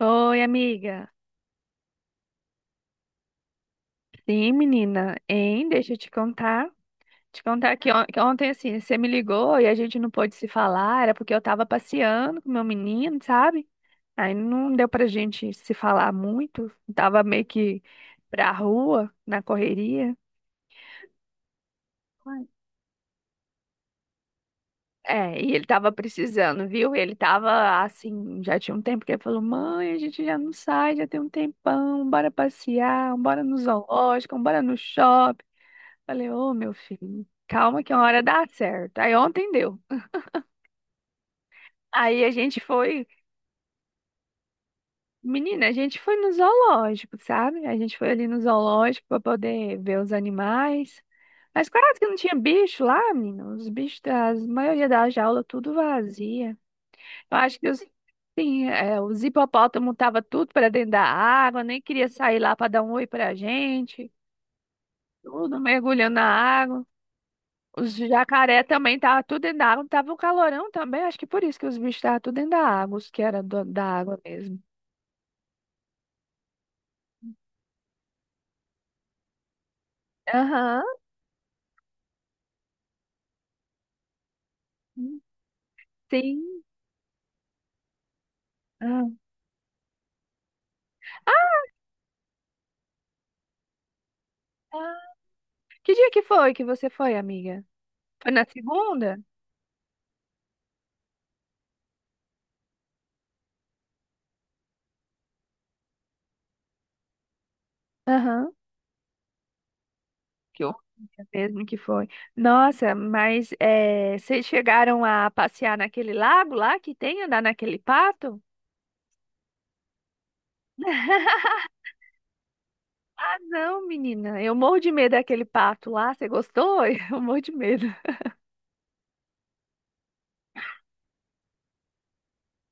Oi, amiga. Sim, menina. Hein? Deixa eu te contar. Te contar que, que ontem, assim, você me ligou e a gente não pôde se falar. Era porque eu tava passeando com meu menino, sabe? Aí não deu pra gente se falar muito. Tava meio que pra rua, na correria. Ai, é, e ele tava precisando, viu? Ele tava assim, já tinha um tempo que ele falou: Mãe, a gente já não sai, já tem um tempão, bora passear, bora no zoológico, bora no shopping. Falei, ô, meu filho, calma que uma hora dá certo. Aí ontem deu. Aí a gente foi, menina, a gente foi no zoológico, sabe? A gente foi ali no zoológico para poder ver os animais. Mas quase que não tinha bicho lá, menina. Os bichos, a maioria da jaula, tudo vazia. Eu acho que os, sim, é, os hipopótamos estavam tudo para dentro da água, nem queria sair lá para dar um oi pra gente. Tudo mergulhando na água. Os jacaré também tava tudo dentro da água, tava um calorão também, acho que por isso que os bichos estavam tudo dentro da água, os que era da água mesmo. Aham, sim. Ah. Ah. Que dia que foi que você foi, amiga? Foi na segunda? Aham. Que horror mesmo que foi. Nossa, mas é, vocês chegaram a passear naquele lago lá que tem, andar naquele pato? Não, menina, eu morro de medo daquele pato lá, você gostou? Eu morro de medo.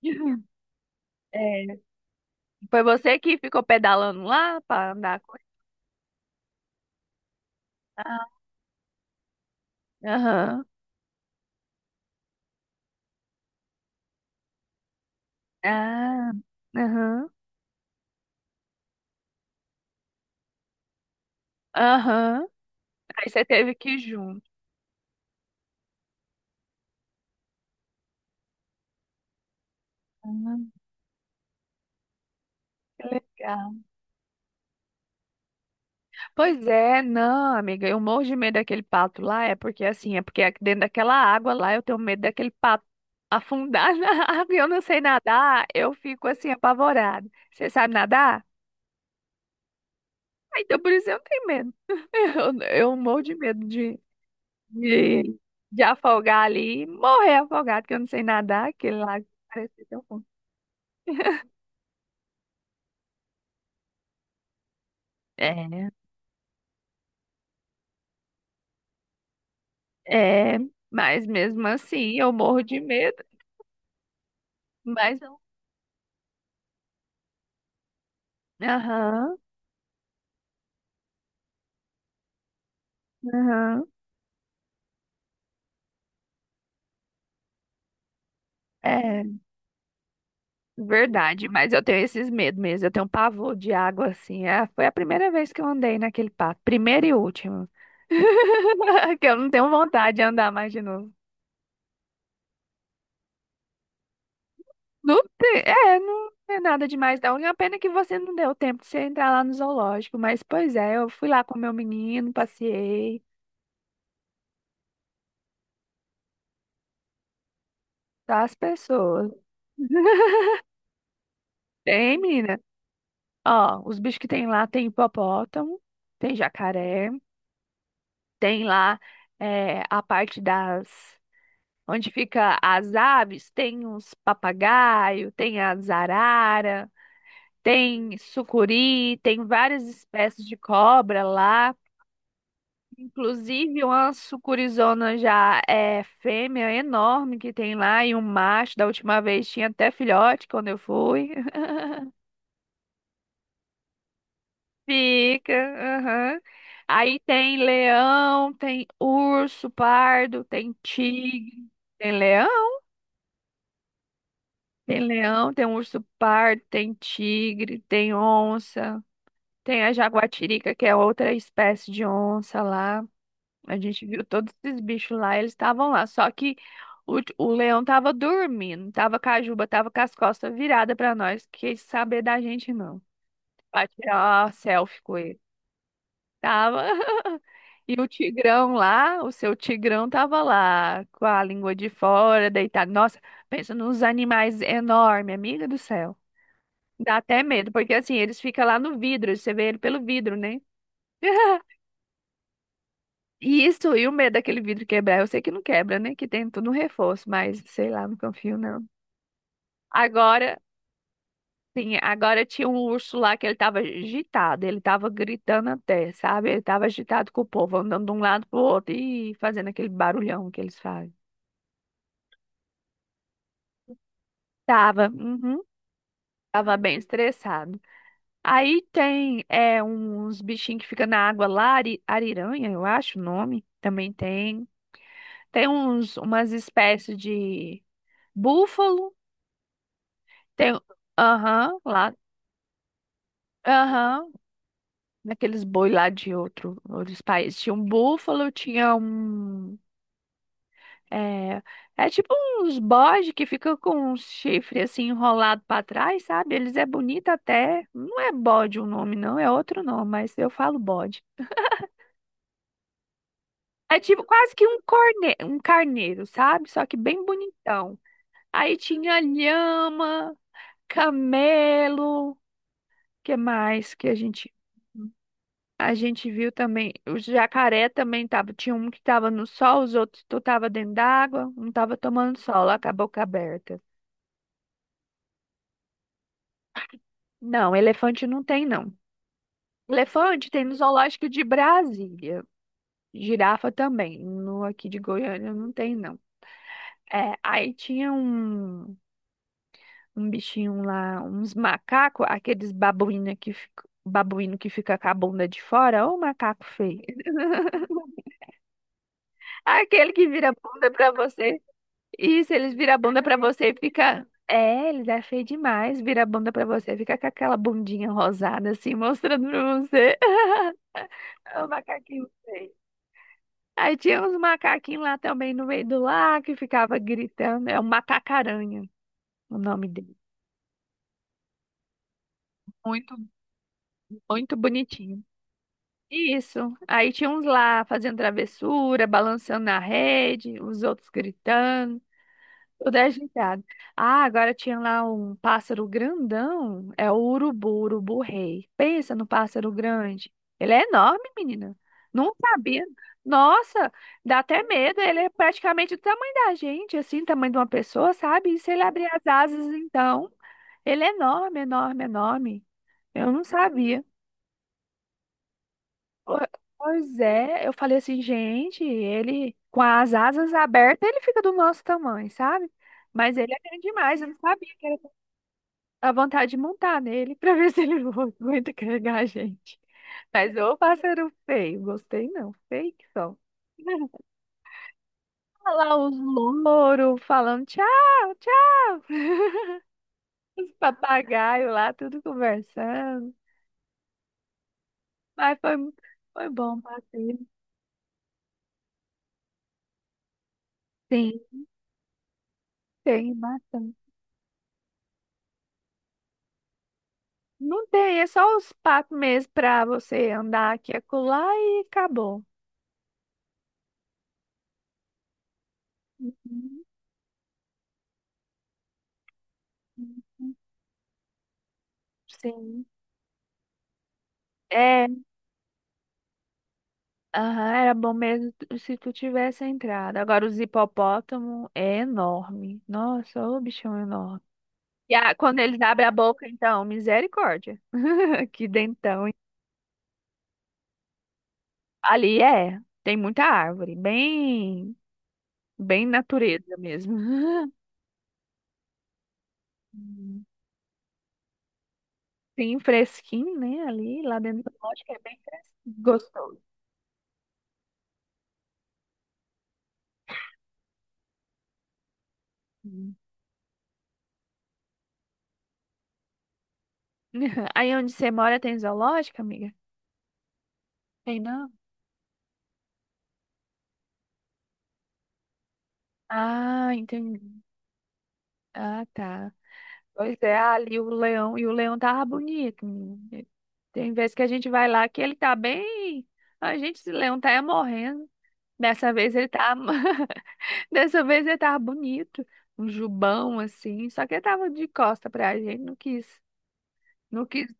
É, foi você que ficou pedalando lá para andar com ele? Ah, aham. Ah, aham. Aham. Aí você teve que ir junto. Ah, que legal. Pois é, não, amiga, eu morro de medo daquele pato lá, é porque assim, é porque dentro daquela água lá eu tenho medo daquele pato afundar na água e eu não sei nadar, eu fico assim apavorada. Você sabe nadar? Ah, então por isso eu não tenho medo. Eu morro de medo de, de afogar ali e morrer afogado, que eu não sei nadar, aquele lago parece tão bom. É, é, mas mesmo assim eu morro de medo. Mas eu. Aham, aham. É verdade, mas eu tenho esses medos mesmo. Eu tenho um pavor de água assim. É, foi a primeira vez que eu andei naquele parque, primeira e última. Que eu não tenho vontade de andar mais de novo. Não tem, é, não é nada demais, não. E a pena que você não deu tempo de você entrar lá no zoológico. Mas, pois é, eu fui lá com meu menino, passeei, tá? As pessoas. Tem, menina. Ó, os bichos que tem lá: tem hipopótamo, tem jacaré, tem lá é, a parte das... Onde fica as aves, tem uns papagaio, tem as arara, tem sucuri, tem várias espécies de cobra lá. Inclusive, uma sucurizona já é fêmea enorme que tem lá, e um macho, da última vez tinha até filhote quando eu fui. Fica, aham. Aí tem leão, tem urso pardo, tem tigre, tem leão, tem leão, tem urso pardo, tem tigre, tem onça, tem a jaguatirica, que é outra espécie de onça lá. A gente viu todos esses bichos lá, eles estavam lá. Só que o leão tava dormindo, tava com a juba, tava com as costas viradas pra nós, quis saber da gente não. Pra tirar uma selfie com ele. Tava. E o tigrão lá, o seu tigrão tava lá, com a língua de fora, deitado. Nossa, pensa nos animais enormes, amiga do céu. Dá até medo, porque assim, eles ficam lá no vidro, você vê ele pelo vidro, né? E isso, e o medo daquele vidro quebrar, eu sei que não quebra, né? Que tem tudo um reforço, mas sei lá, não confio não. Agora, sim, agora tinha um urso lá que ele tava agitado, ele tava gritando até, sabe? Ele tava agitado com o povo, andando de um lado pro outro e fazendo aquele barulhão que eles fazem. Tava, uhum, tava bem estressado. Aí tem é, uns bichinhos que ficam na água lá, ariranha, eu acho o nome, também tem. Tem uns, umas espécies de búfalo. Tem, aham, lá, aham, naqueles boi lá de outro, outros países. Tinha um búfalo, tinha um, é, é tipo uns bode que fica com um chifre assim enrolado pra trás, sabe? Eles é bonito até, não é bode o nome não, é outro nome, mas eu falo bode. É tipo quase que um corne, um carneiro, sabe? Só que bem bonitão. Aí tinha lhama, camelo, que mais que a gente... A gente viu também, o jacaré também tava, tinha um que tava no sol, os outros tu tava dentro d'água, um tava tomando sol, lá com a boca aberta. Não, elefante não tem, não. Elefante tem no zoológico de Brasília. Girafa também, no aqui de Goiânia não tem, não. É, aí tinha um, um bichinho lá, uns macacos, aqueles babuína que fica, babuíno que fica com a bunda de fora, ou macaco feio. Aquele que vira bunda pra você. Isso, eles viram a bunda pra você e fica. É, eles é feio demais. Vira a bunda pra você, fica com aquela bundinha rosada assim, mostrando pra você. O macaquinho feio. Aí tinha uns macaquinhos lá também no meio do lar que ficava gritando. É o macacaranha, o nome dele. Muito, muito bonitinho. Isso. Aí tinha uns lá fazendo travessura, balançando na rede, os outros gritando. Tudo é ajeitado. Ah, agora tinha lá um pássaro grandão. É o urubu, urubu rei. Pensa no pássaro grande. Ele é enorme, menina. Não sabia. Nossa, dá até medo. Ele é praticamente do tamanho da gente, assim, tamanho de uma pessoa, sabe? E se ele abrir as asas, então, ele é enorme, enorme, enorme. Eu não sabia. Po- Pois é, eu falei assim, gente, ele com as asas abertas, ele fica do nosso tamanho, sabe? Mas ele é grande demais, eu não sabia. Dá vontade de montar nele pra ver se ele aguenta carregar a gente. Mas ô pássaro feio, gostei não, feio que são. Olha lá os louros falando tchau, tchau. Os papagaios lá, tudo conversando. Mas foi, foi bom o passeio. Sim, tem bastante. Não tem, é só os patos mesmo pra você andar aqui e acolá e acabou. Uhum, uhum, sim. É. Aham, era bom mesmo se tu tivesse entrado. Agora, os hipopótamo é enorme. Nossa, ô bichão enorme. Quando eles abrem a boca, então, misericórdia. Que dentão. Hein? Ali é, tem muita árvore. Bem, bem natureza mesmo. Hum, bem fresquinho, né? Ali, lá dentro do zoológico é bem fresquinho. Gostoso. Hum. Aí onde você mora tem zoológico, amiga? Tem não? Ah, entendi. Ah, tá. Pois é, ali o leão, e o leão tava bonito, menino. Tem vezes que a gente vai lá que ele tá bem. A gente, esse leão tá é morrendo. Dessa vez ele tá. Dessa vez ele tava bonito. Um jubão assim. Só que ele tava de costa pra gente. Não quis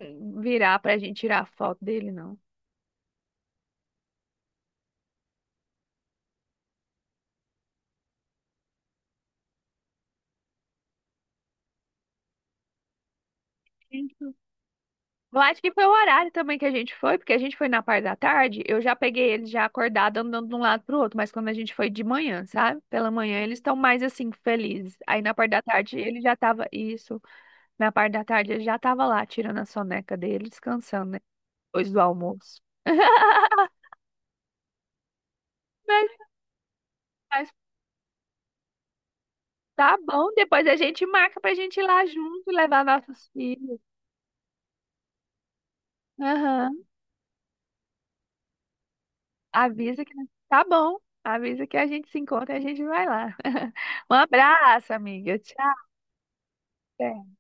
virar pra gente tirar foto dele, não. Eu acho que foi o horário também que a gente foi, porque a gente foi na parte da tarde, eu já peguei eles já acordados andando de um lado pro outro, mas quando a gente foi de manhã, sabe? Pela manhã eles estão mais assim, felizes. Aí na parte da tarde ele já tava, isso, na parte da tarde ele já tava lá, tirando a soneca dele, descansando, né? Depois do almoço. Mas, mas tá bom, depois a gente marca pra gente ir lá junto e levar nossos filhos. Aham. Avisa que tá bom. Avisa que a gente se encontra e a gente vai lá. Um abraço, amiga. É.